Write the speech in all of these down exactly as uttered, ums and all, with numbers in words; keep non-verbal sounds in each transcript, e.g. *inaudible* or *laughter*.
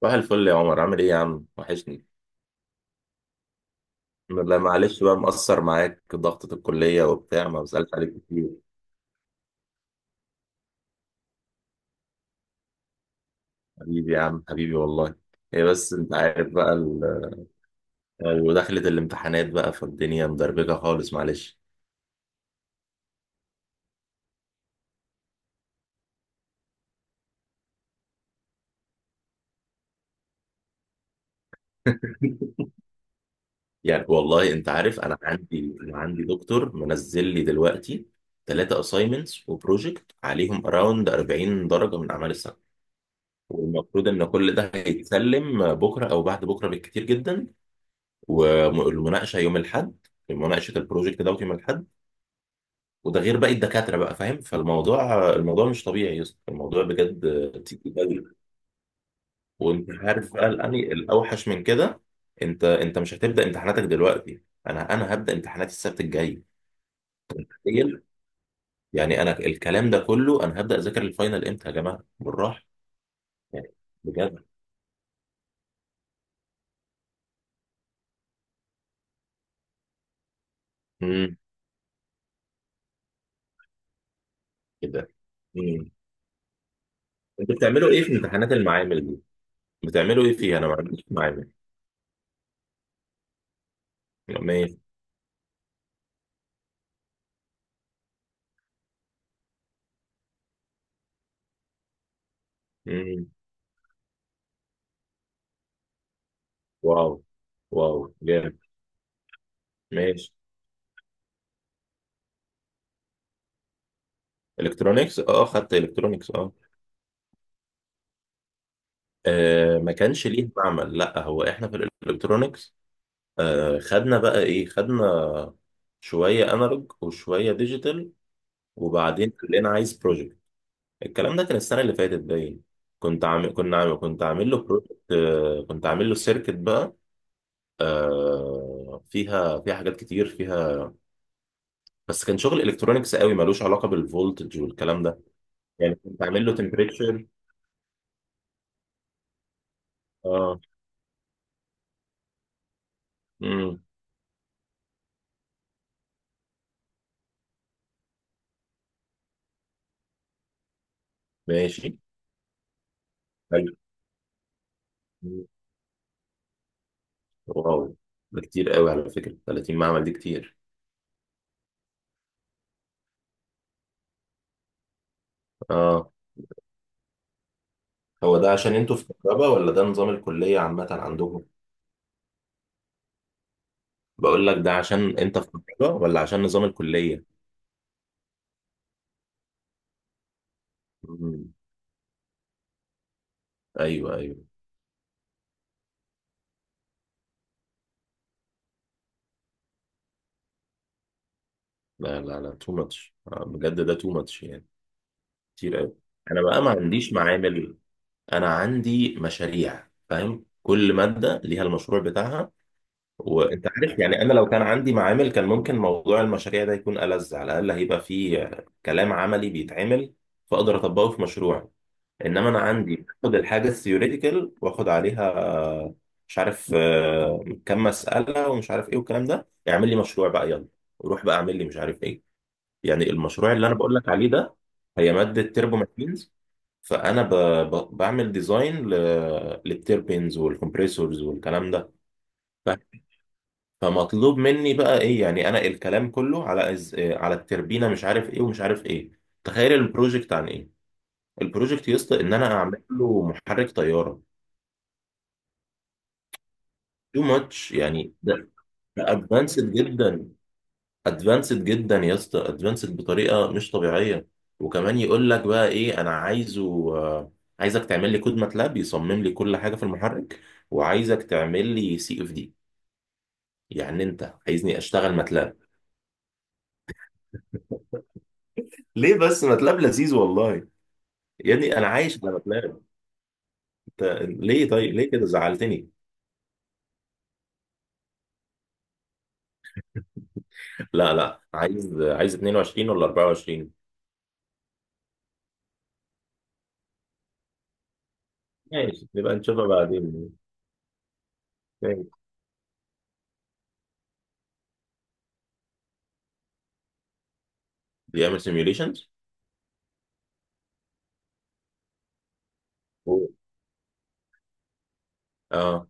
صباح الفل يا عمر، عامل ايه يا عم، وحشني. لا معلش بقى، مقصر معاك، ضغطة الكلية وبتاع، ما بسألش عليك كتير. حبيبي يا عم، حبيبي والله. هي بس انت عارف بقى ال... ودخلت الامتحانات بقى، فالدنيا مدربكة خالص، معلش. *laughs* يعني والله انت عارف، انا عندي انا عندي دكتور منزل لي دلوقتي ثلاثة اساينمنتس وبروجكت عليهم اراوند أربعين درجة من اعمال السنة. والمفروض ان كل ده هيتسلم بكرة او بعد بكرة بالكتير جدا. والمناقشه يوم الاحد، مناقشه البروجكت دوت يوم الاحد. وده غير باقي الدكاتره بقى، فاهم؟ فالموضوع الموضوع مش طبيعي يا اسطى، الموضوع بجد تقيل قوي. وانت عارف بقى الأني- الاوحش من كده. انت انت مش هتبدا امتحاناتك دلوقتي، انا انا هبدا امتحاناتي السبت الجاي. تخيل؟ يعني انا الكلام ده كله، انا هبدا اذاكر الفاينل امتى يا جماعه بالراحه؟ يعني بجد. امم كده. امم انتوا بتعملوا ايه في امتحانات المعامل دي؟ بتعملوا ايه فيها؟ انا ما عنديش معامل. ماشي. واو. واو جامد. ماشي. الكترونيكس اه، خدت الكترونيكس اه. آه، ما كانش ليه معمل، لا هو احنا في الالكترونيكس آه خدنا بقى ايه، خدنا شويه انالوج وشويه ديجيتال، وبعدين قال لنا عايز بروجكت. الكلام ده كان السنه اللي فاتت باين، كنت عامل كنا عامل كنت عامل له بروجكت. آه كنت عامل له سيركت بقى. آه، فيها فيها حاجات كتير فيها. بس كان شغل الكترونيكس قوي، ملوش علاقه بالفولتج والكلام ده. يعني كنت عامل له تمبريتشر. اه ماشي. حلو. واو. ده كتير قوي على فكرة، ثلاثين معمل دي كتير. اه، هو ده عشان انتوا في كهرباء ولا ده نظام الكلية عامة عندهم؟ بقول لك، ده عشان انت في كهرباء ولا عشان نظام الكلية؟ مم. ايوه ايوه. لا لا لا، تو ماتش بجد، ده تو ماتش يعني، كتير قوي. انا بقى ما عنديش معامل، انا عندي مشاريع، فاهم؟ كل مادة ليها المشروع بتاعها. وانت عارف يعني، انا لو كان عندي معامل كان ممكن موضوع المشاريع ده يكون ألذ، على الاقل هيبقى فيه كلام عملي بيتعمل، فاقدر اطبقه في مشروعي. انما انا عندي باخد الحاجه الثيوريتيكال واخد عليها آه، مش عارف آه، كم مساله ومش عارف ايه والكلام ده. اعمل لي مشروع بقى يلا، وروح بقى اعمل لي مش عارف ايه. يعني المشروع اللي انا بقول لك عليه ده، هي ماده تيربو ماشينز. فانا ب... ب... بعمل ديزاين ل... للتيربينز والكمبريسورز والكلام ده. فمطلوب مني بقى ايه، يعني انا الكلام كله على إز... آه، على التربينه، مش عارف ايه ومش عارف ايه. تخيل البروجكت عن ايه؟ البروجكت يسطا ان انا اعمل له محرك طياره. تو ماتش يعني ده، ادفانسد جدا، ادفانسد جدا يا اسطى، ادفانسد بطريقه مش طبيعيه. وكمان يقول لك بقى ايه، انا عايزه آه، عايزك تعمل لي كود ماتلاب يصمم لي كل حاجه في المحرك، وعايزك تعمل لي سي اف دي. يعني انت عايزني اشتغل ماتلاب؟ ليه بس، ماتلاب لذيذ والله. يا ابني انا عايش على بلان. انت ليه طيب، ليه كده زعلتني؟ لا لا، عايز عايز اتنين وعشرين ولا اربعة وعشرين؟ ماشي، نبقى نشوفها بعدين. ماشي. بيعمل سيميوليشنز. اه.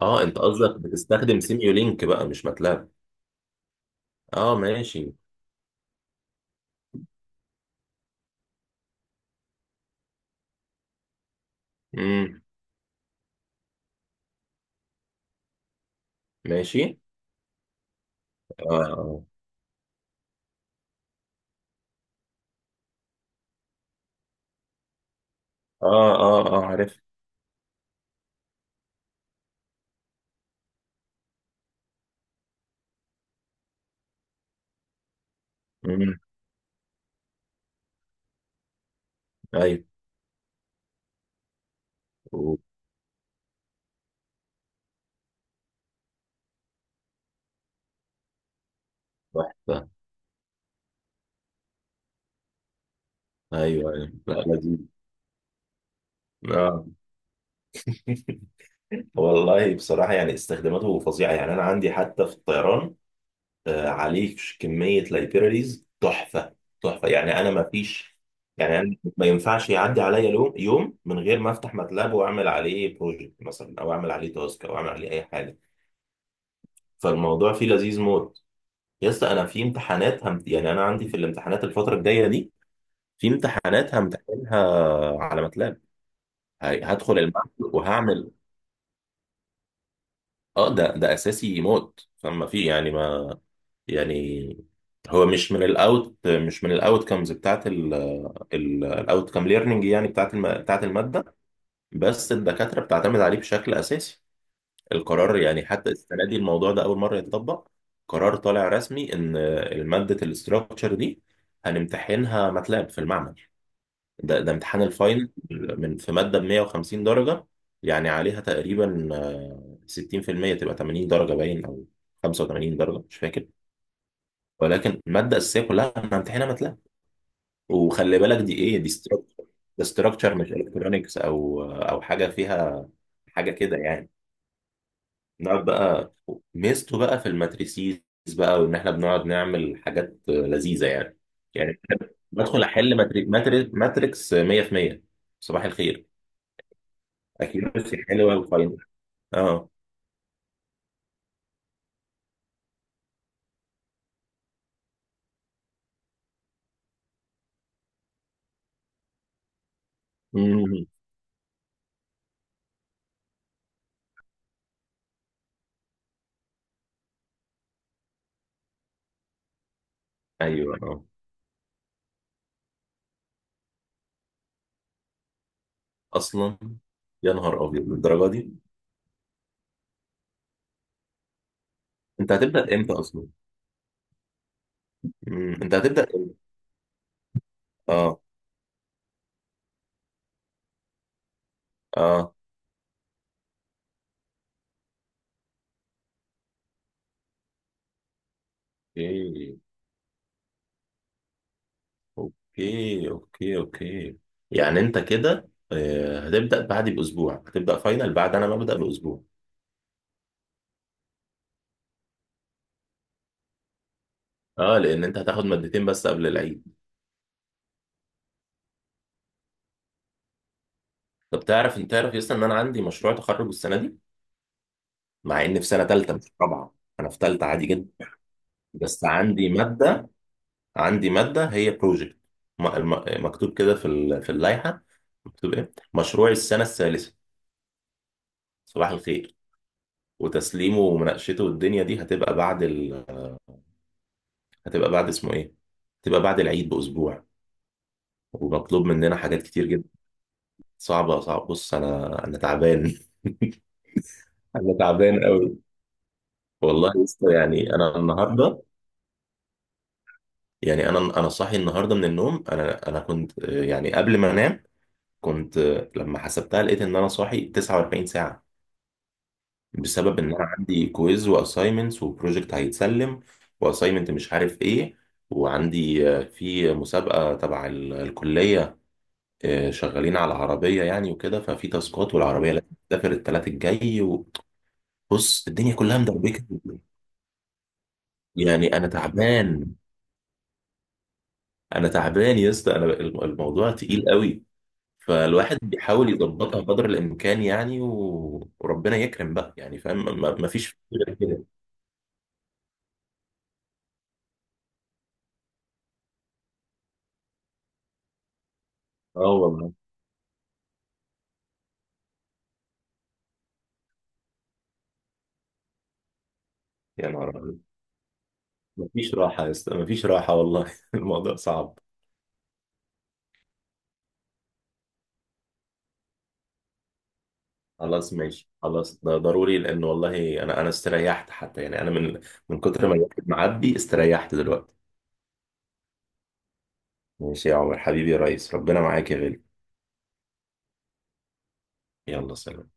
اه، انت قصدك بتستخدم سيميولينك بقى مش ماتلاب؟ اه ماشي. امم. ماشي. اه اه اه اه، عارف. امم. ايوه. تحفه. ايوه ايوه، لا لذيذ. اه. *laughs* والله بصراحة، يعني استخداماته فظيعة، يعني أنا عندي حتى في الطيران آه، عليك كمية لايبراريز تحفة. تحفة، يعني أنا ما فيش، يعني أنا ما ينفعش يعدي عليا لو- يوم من غير ما أفتح ماتلاب وأعمل عليه بروجكت مثلا أو أعمل عليه تاسك أو أعمل عليه أي حاجة. فالموضوع فيه لذيذ موت. يا اسطى أنا في امتحانات هم... يعني أنا عندي في الامتحانات الفترة الجاية دي في امتحانات همتحنها على ماتلاب. هي- هدخل المعمل وهعمل. أه، ده ده أساسي موت، فما في يعني ما. يعني هو مش من الاوت مش من الاوت كمز بتاعت الاوت كام ليرنينج، يعني بتاعت الم... بتاعت الماده. بس الدكاتره بتعتمد عليه بشكل اساسي القرار، يعني حتى السنه دي الموضوع ده اول مره يتطبق. قرار طالع رسمي ان ماده الاستراكشر دي هنمتحنها ماتلاب في المعمل. ده ده امتحان الفاينل من في ماده ب مية وخمسين درجه، يعني عليها تقريبا آه، ستين في المية تبقى تمانين درجه باين، او خمسة وتمانين درجه مش فاكر. ولكن الماده الاساسيه كلها هنمتحنها ماتلاب. وخلي بالك دي ايه، دي ستراكشر. ده ستراكشر مش الكترونكس او او حاجه فيها، حاجه كده يعني. نقعد بقى، ميزته بقى في الماتريسيز بقى، وان احنا بنقعد نعمل حاجات لذيذه يعني. يعني بدخل احل ماتري... ماتري... ماتريكس مية في المية. صباح الخير. اكيورسي حلوه وفاينل. اه. مم. ايوه. اه. اصلا، يا نهار ابيض للدرجه دي. انت هتبدا امتى اصلا؟ مم. انت هتبدا امتى؟ اه. اه. اوكي اوكي اوكي. اوكي، يعني انت كده آه، هتبدأ بعدي باسبوع، هتبدأ فاينل بعد انا ما ابدأ باسبوع. اه، لان انت هتاخد مادتين بس قبل العيد. طب تعرف، انت تعرف يس ان انا عندي مشروع تخرج السنة دي؟ مع اني في سنة تالتة مش في رابعة. انا في تالتة عادي جدا، بس عندي مادة، عندي مادة هي بروجكت، مكتوب كده في ال- في اللائحة. مكتوب ايه؟ مشروع السنة الثالثة. صباح الخير. وتسليمه ومناقشته والدنيا دي هتبقى بعد، هتبقى بعد اسمه ايه، هتبقى بعد العيد باسبوع. ومطلوب مننا حاجات كتير جدا. صعبه صعبه، بص انا انا تعبان. *laughs* انا تعبان قوي. والله يا اسطى، يعني انا النهارده، يعني انا انا صاحي النهارده من النوم. انا انا كنت آه، يعني قبل ما انام كنت آه، لما حسبتها لقيت ان انا صاحي تسعة واربعين ساعه، بسبب ان انا عندي كويز واساينمنتس وبروجكت هيتسلم، واساينمنت مش عارف ايه. وعندي آه، في مسابقه تبع ال- الكليه، آه، شغالين على العربية يعني. وكده ففي تاسكات، والعربية لازم تسافر التلات الجاي. وبص الدنيا كلها مدربكة. يعني أنا تعبان، أنا تعبان يا اسطى. أنا الم- الموضوع تقيل قوي. فالواحد بيحاول يظبطها قدر الإمكان يعني، و... وربنا يكرم بقى يعني، فاهم؟ ما ما فيش غير كده. اه والله. يا نهار أبيض. مفيش راحة يا اسطى، مفيش راحة والله. *laughs* الموضوع صعب. خلاص ماشي، خلاص ده ضروري، لان والله انا انا استريحت حتى، يعني انا من من كتر ما الواحد معبي استريحت دلوقتي. ماشي يا عمر، حبيبي يا ريس، ربنا معاك يا غالي. يلا سلام.